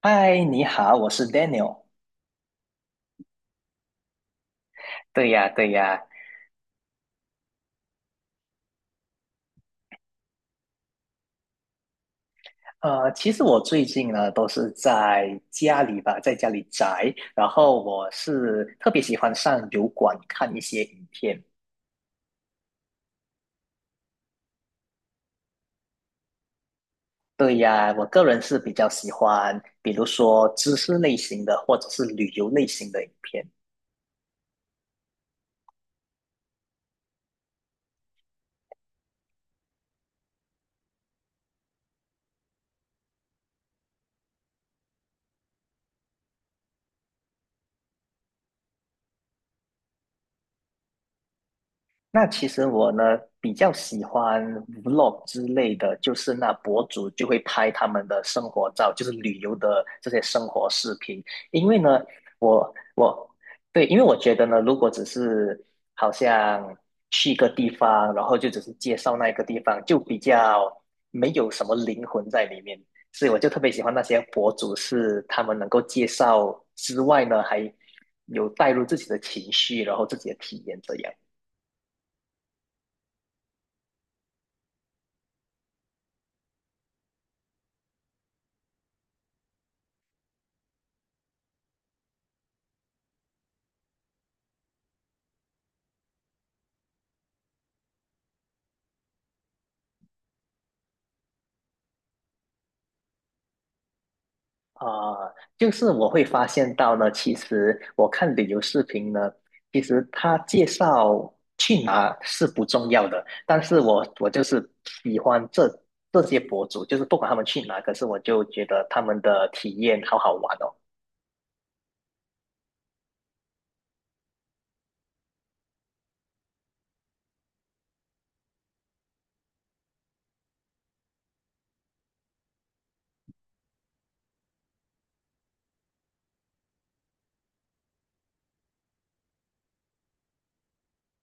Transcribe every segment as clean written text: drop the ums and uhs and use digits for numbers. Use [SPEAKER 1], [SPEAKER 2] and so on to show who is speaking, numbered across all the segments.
[SPEAKER 1] 嗨，你好，我是 Daniel。对呀，对呀。其实我最近呢都是在家里吧，在家里宅。然后我是特别喜欢上油管看一些影片。对呀，我个人是比较喜欢，比如说知识类型的或者是旅游类型的影片。那其实我呢比较喜欢 vlog 之类的，就是那博主就会拍他们的生活照，就是旅游的这些生活视频。因为呢，我我对，因为我觉得呢，如果只是好像去一个地方，然后就只是介绍那一个地方，就比较没有什么灵魂在里面。所以我就特别喜欢那些博主，是他们能够介绍之外呢，还有带入自己的情绪，然后自己的体验这样。啊、就是我会发现到呢，其实我看旅游视频呢，其实他介绍去哪是不重要的，但是我就是喜欢这些博主，就是不管他们去哪，可是我就觉得他们的体验好好玩哦。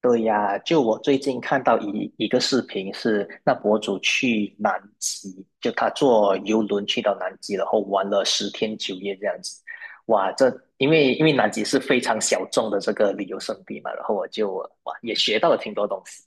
[SPEAKER 1] 对呀，就我最近看到一个视频是，那博主去南极，就他坐游轮去到南极，然后玩了10天9夜这样子。哇，这因为因为南极是非常小众的这个旅游胜地嘛，然后我就哇也学到了挺多东西。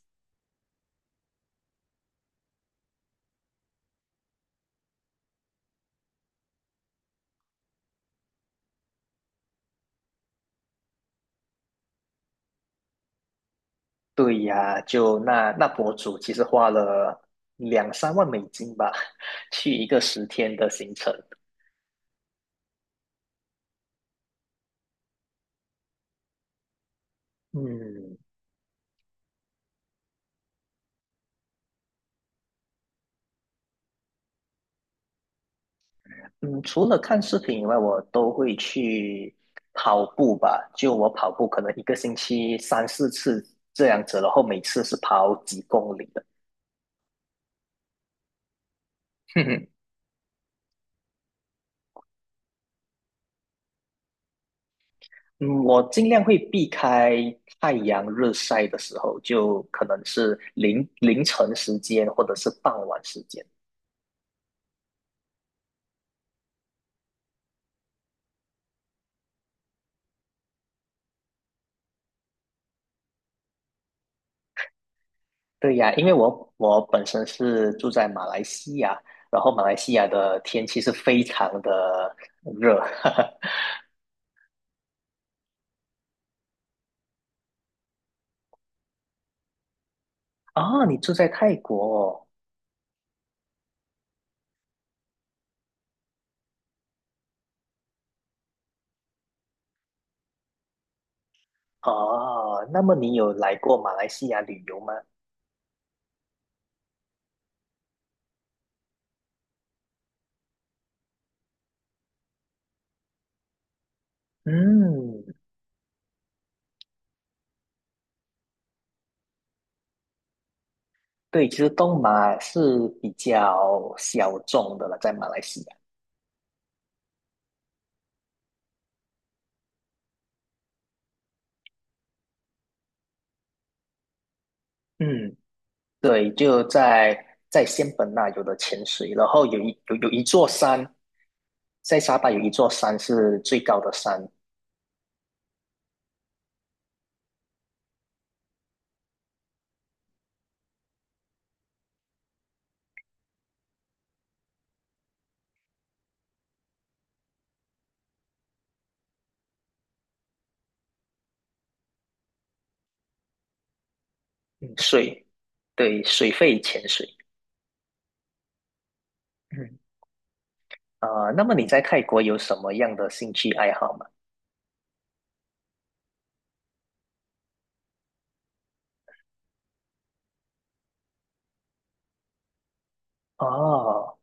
[SPEAKER 1] 对呀，就那博主其实花了2、3万美金吧，去一个10天的行程。嗯，嗯，除了看视频以外，我都会去跑步吧。就我跑步，可能一个星期3、4次这样子，然后每次是跑几公里的。嗯，我尽量会避开太阳日晒的时候，就可能是凌晨时间或者是傍晚时间。对呀，因为我本身是住在马来西亚，然后马来西亚的天气是非常的热。哦，你住在泰国哦。哦，那么你有来过马来西亚旅游吗？嗯，对，其实东马是比较小众的了，在马来西亚。嗯，对，就在仙本那有的潜水，然后有一座山，在沙巴有一座山是最高的山，嗯水，对，水肺潜水。嗯，啊、那么你在泰国有什么样的兴趣爱好吗？哦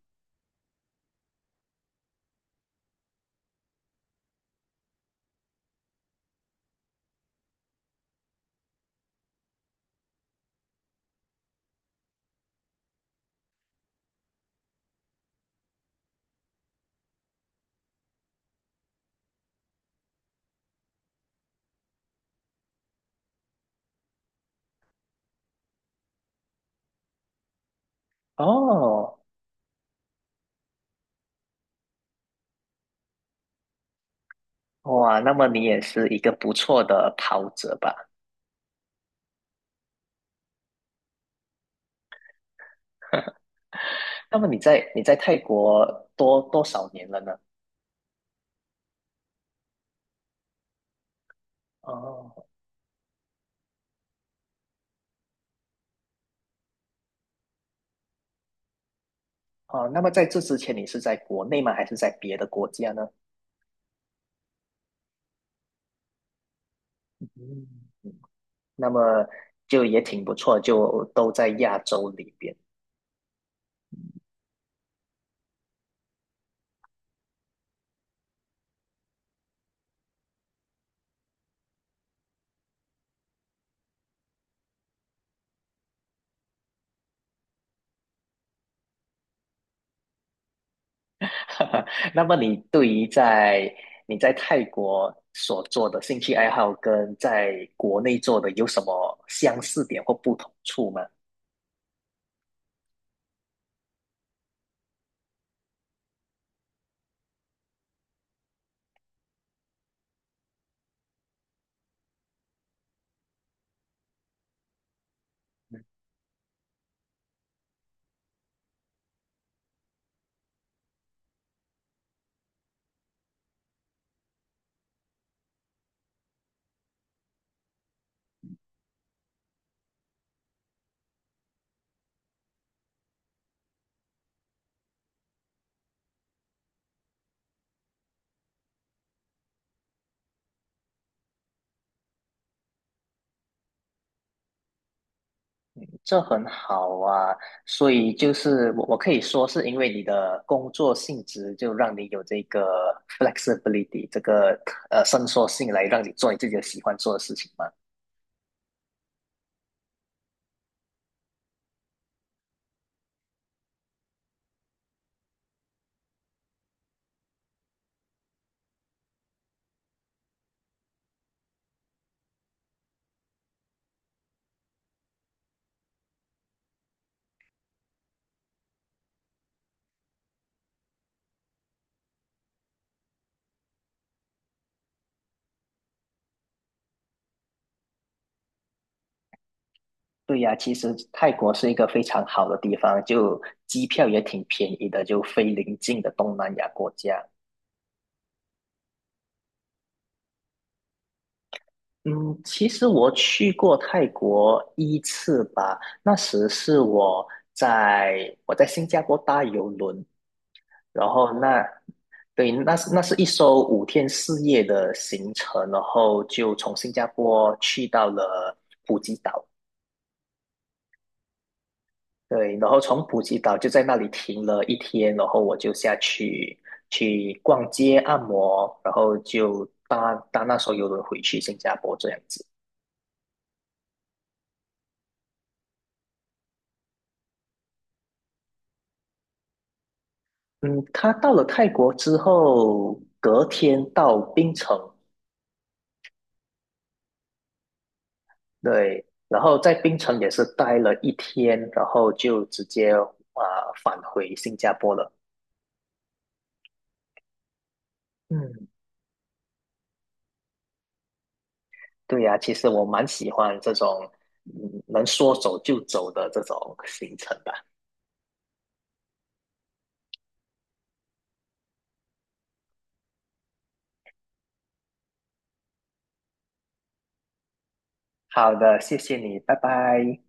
[SPEAKER 1] 哦，哇，那么你也是一个不错的跑者吧？那么你在你在泰国多少年了呢？哦哦，那么在这之前你是在国内吗？还是在别的国家呢？嗯，那么就也挺不错，就都在亚洲里边。那么你对于在你在泰国所做的兴趣爱好跟在国内做的有什么相似点或不同处吗？这很好啊，所以就是我可以说是因为你的工作性质，就让你有这个 flexibility 这个伸缩性来让你做你自己的喜欢做的事情嘛。对呀，其实泰国是一个非常好的地方，就机票也挺便宜的，就非邻近的东南亚国家。嗯，其实我去过泰国一次吧，那时是我在我在新加坡搭邮轮，然后对，那是一艘5天4夜的行程，然后就从新加坡去到了普吉岛，对，然后从普吉岛就在那里停了一天，然后我就下去去逛街、按摩，然后就搭那艘游轮回去新加坡这样子。嗯，他到了泰国之后，隔天到槟城对，然后在槟城也是待了一天，然后就直接返回新加坡了。嗯，对呀、其实我蛮喜欢这种能说走就走的这种行程吧。好的，谢谢你，拜拜。